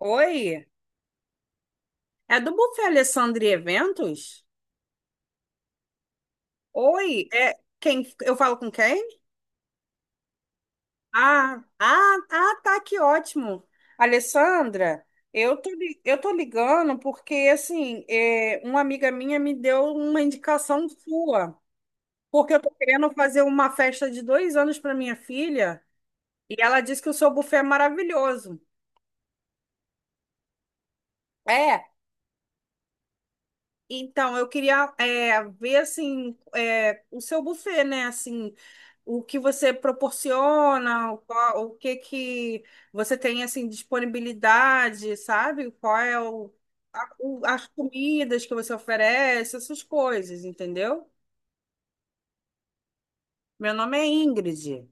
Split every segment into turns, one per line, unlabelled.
Oi? É do Buffet Alessandro e Eventos? Oi? É quem? Eu falo com quem? Ah, tá, que ótimo. Alessandra, eu tô ligando porque, assim, uma amiga minha me deu uma indicação sua, porque eu tô querendo fazer uma festa de dois anos para minha filha e ela disse que o seu buffet é maravilhoso. É, então eu queria ver, assim, o seu buffet, né? Assim, o que você proporciona, o que que você tem assim disponibilidade, sabe? Qual é as comidas que você oferece, essas coisas, entendeu? Meu nome é Ingrid.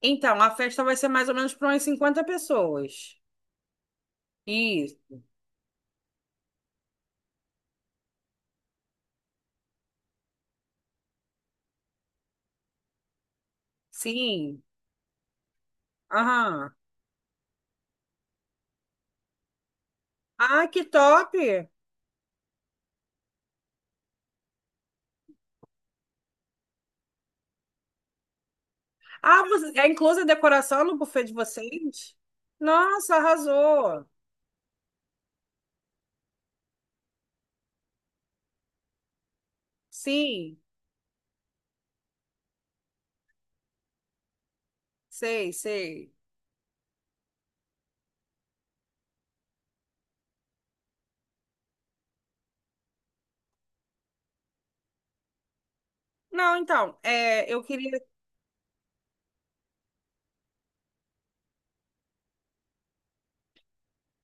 Então, a festa vai ser mais ou menos para umas 50 pessoas. Isso, sim. Aham. Ah, que top! Ah, você, é inclusa a decoração no buffet de vocês? Nossa, arrasou! Sim, sei, sei. Não, então, é, eu queria.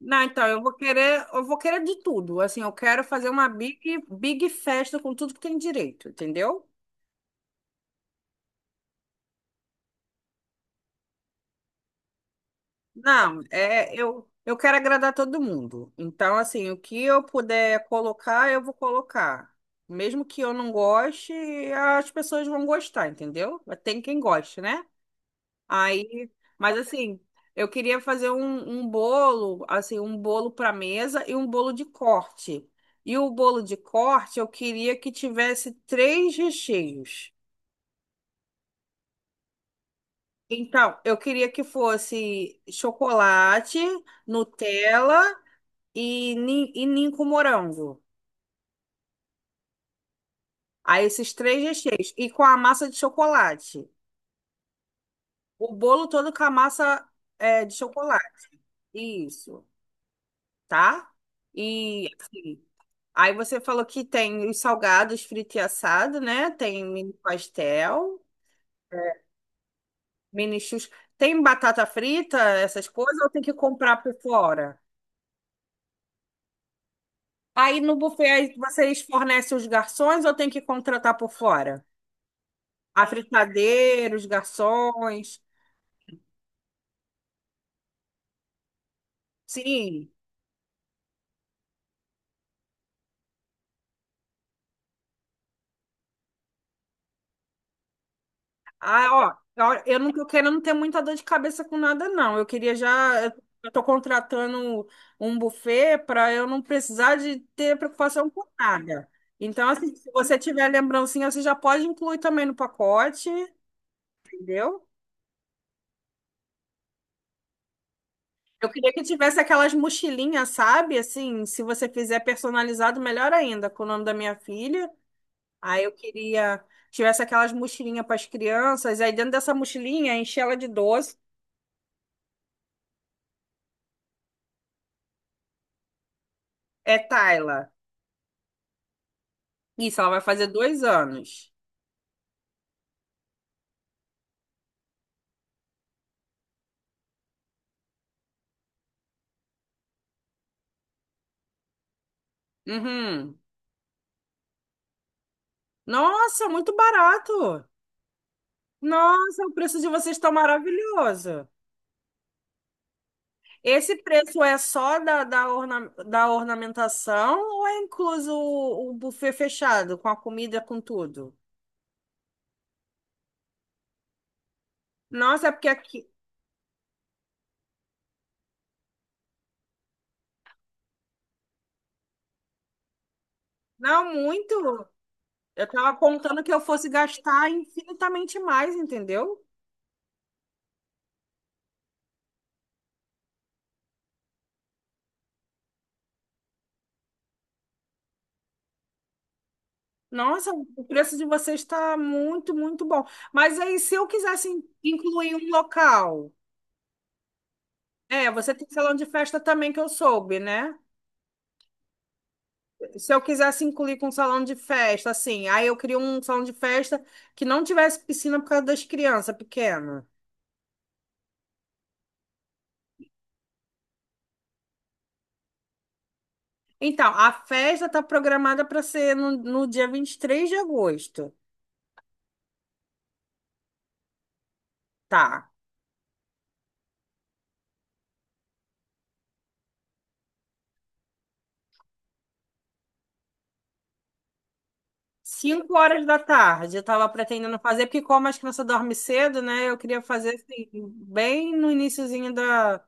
Não, então, eu vou querer de tudo. Assim, eu quero fazer uma big, big festa com tudo que tem direito, entendeu? Não, eu quero agradar todo mundo. Então, assim, o que eu puder colocar, eu vou colocar. Mesmo que eu não goste, as pessoas vão gostar, entendeu? Mas tem quem goste, né? Aí, mas assim, eu queria fazer um bolo, assim, um bolo para mesa e um bolo de corte. E o bolo de corte, eu queria que tivesse três recheios. Então, eu queria que fosse chocolate, Nutella e, e ninho com morango. Aí, esses três recheios. E com a massa de chocolate. O bolo todo com a massa, é, de chocolate. Isso, tá? E assim, aí você falou que tem os salgados frito e assado, né? Tem mini pastel, mini chus. Tem batata frita, essas coisas, ou tem que comprar por fora? Aí no buffet aí vocês fornecem os garçons ou tem que contratar por fora? A fritadeira, os garçons. Sim. Ah, ó, ó, eu não tô querendo ter muita dor de cabeça com nada, não. Eu queria já. Eu tô contratando um buffet para eu não precisar de ter preocupação com nada. Então, assim, se você tiver lembrancinha, você já pode incluir também no pacote, entendeu? Eu queria que tivesse aquelas mochilinhas, sabe? Assim, se você fizer personalizado, melhor ainda, com o nome da minha filha. Aí eu queria que tivesse aquelas mochilinhas para as crianças. Aí dentro dessa mochilinha, enche ela de doce. É Tayla. Isso, ela vai fazer dois anos. Uhum. Nossa, muito barato. Nossa, o preço de vocês está maravilhoso. Esse preço é só da ornamentação ou é incluso o buffet fechado, com a comida, com tudo? Nossa, é porque aqui. Não, muito. Eu estava contando que eu fosse gastar infinitamente mais, entendeu? Nossa, o preço de vocês está muito, muito bom. Mas aí, se eu quisesse incluir um local. É, você tem salão de festa também que eu soube, né? Se eu quisesse incluir com um salão de festa, assim, aí eu queria um salão de festa que não tivesse piscina por causa das crianças pequenas. Então, a festa está programada para ser no dia 23 de agosto, tá? 5 horas da tarde, eu estava pretendendo fazer, porque como as crianças dormem cedo, né? Eu queria fazer assim, bem no iniciozinho da,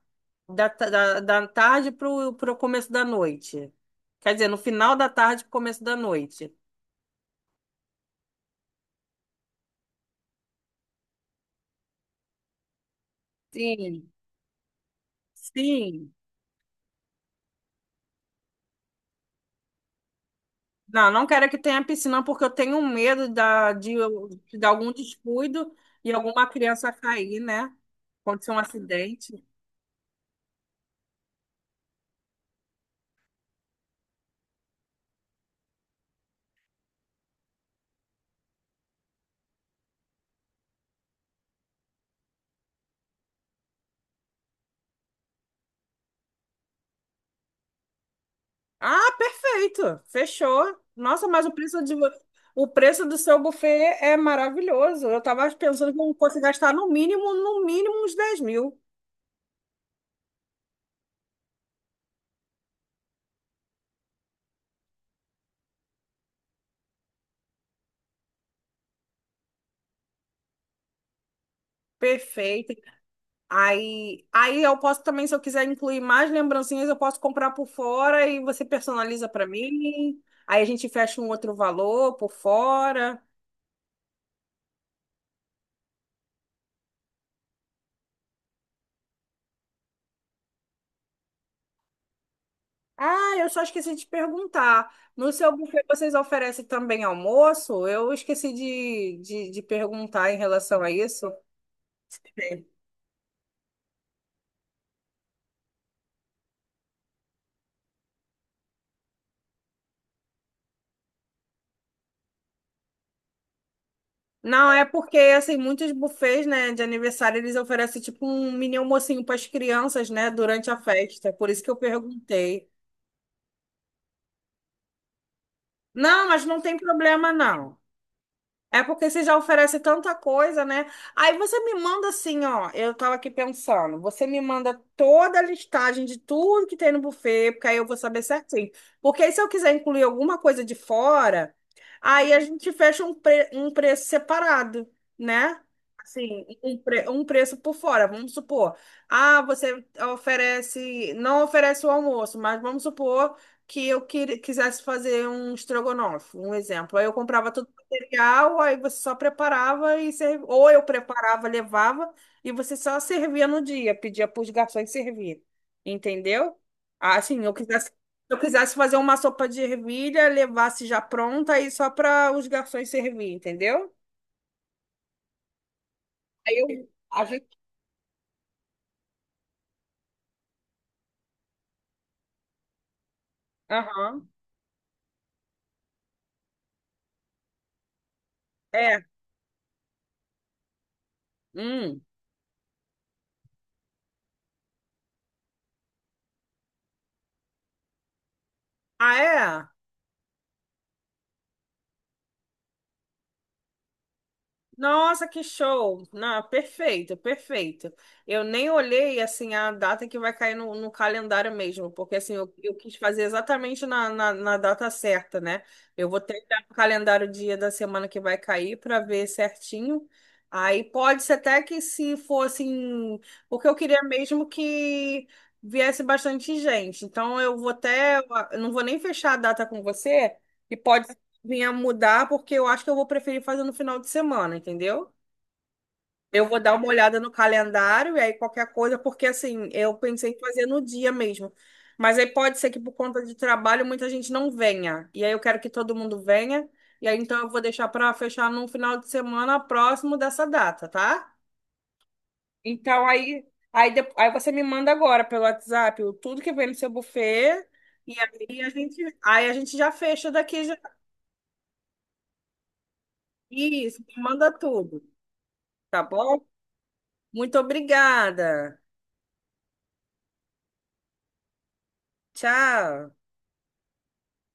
da, ta- da, da tarde para o começo da noite. Quer dizer, no final da tarde para o começo da noite. Sim, sim. Não, não quero que tenha piscina porque eu tenho medo de algum descuido e alguma criança cair, né? Acontecer um acidente. Ah, perfeito. Fechou. Nossa, mas o preço do seu buffet é maravilhoso. Eu estava pensando que eu fosse gastar no mínimo, no mínimo uns 10 mil. Perfeito. Aí eu posso também, se eu quiser incluir mais lembrancinhas, eu posso comprar por fora e você personaliza para mim. Aí a gente fecha um outro valor por fora. Ah, eu só esqueci de perguntar. No seu buffet vocês oferecem também almoço? Eu esqueci de perguntar em relação a isso. Não, é porque, assim, muitos buffets, né, de aniversário, eles oferecem, tipo, um mini almocinho para as crianças, né, durante a festa. Por isso que eu perguntei. Não, mas não tem problema, não. É porque você já oferece tanta coisa, né? Aí você me manda assim, ó. Eu tava aqui pensando. Você me manda toda a listagem de tudo que tem no buffet, porque aí eu vou saber certinho. Porque aí se eu quiser incluir alguma coisa de fora, aí a gente fecha um preço separado, né? Assim, um preço por fora. Vamos supor. Ah, você oferece. Não oferece o almoço, mas vamos supor que quisesse fazer um estrogonofe, um exemplo. Aí eu comprava cereal, aí você só preparava e servia. Ou eu preparava, levava, e você só servia no dia, pedia para os garçons servir. Entendeu? Assim, se eu quisesse fazer uma sopa de ervilha, levasse já pronta aí só para os garçons servir, entendeu? Aí eu. A gente... Aham. É. Hum. Ah, é? Nossa, que show! Não, perfeito, perfeito. Eu nem olhei assim a data que vai cair no calendário mesmo, porque assim eu quis fazer exatamente na data certa, né? Eu vou tentar o calendário dia da semana que vai cair para ver certinho. Aí pode ser até que se fosse, em- porque eu queria mesmo que viesse bastante gente. Então eu vou até, eu não vou nem fechar a data com você. E pode vinha mudar, porque eu acho que eu vou preferir fazer no final de semana, entendeu? Eu vou dar uma olhada no calendário e aí qualquer coisa, porque assim, eu pensei em fazer no dia mesmo. Mas aí pode ser que por conta de trabalho muita gente não venha. E aí eu quero que todo mundo venha. E aí então eu vou deixar para fechar num final de semana próximo dessa data, tá? Então aí, aí você me manda agora pelo WhatsApp o tudo que vem no seu buffet. E aí aí a gente já fecha daqui já. Isso, me manda tudo, tá bom? Muito obrigada. Tchau.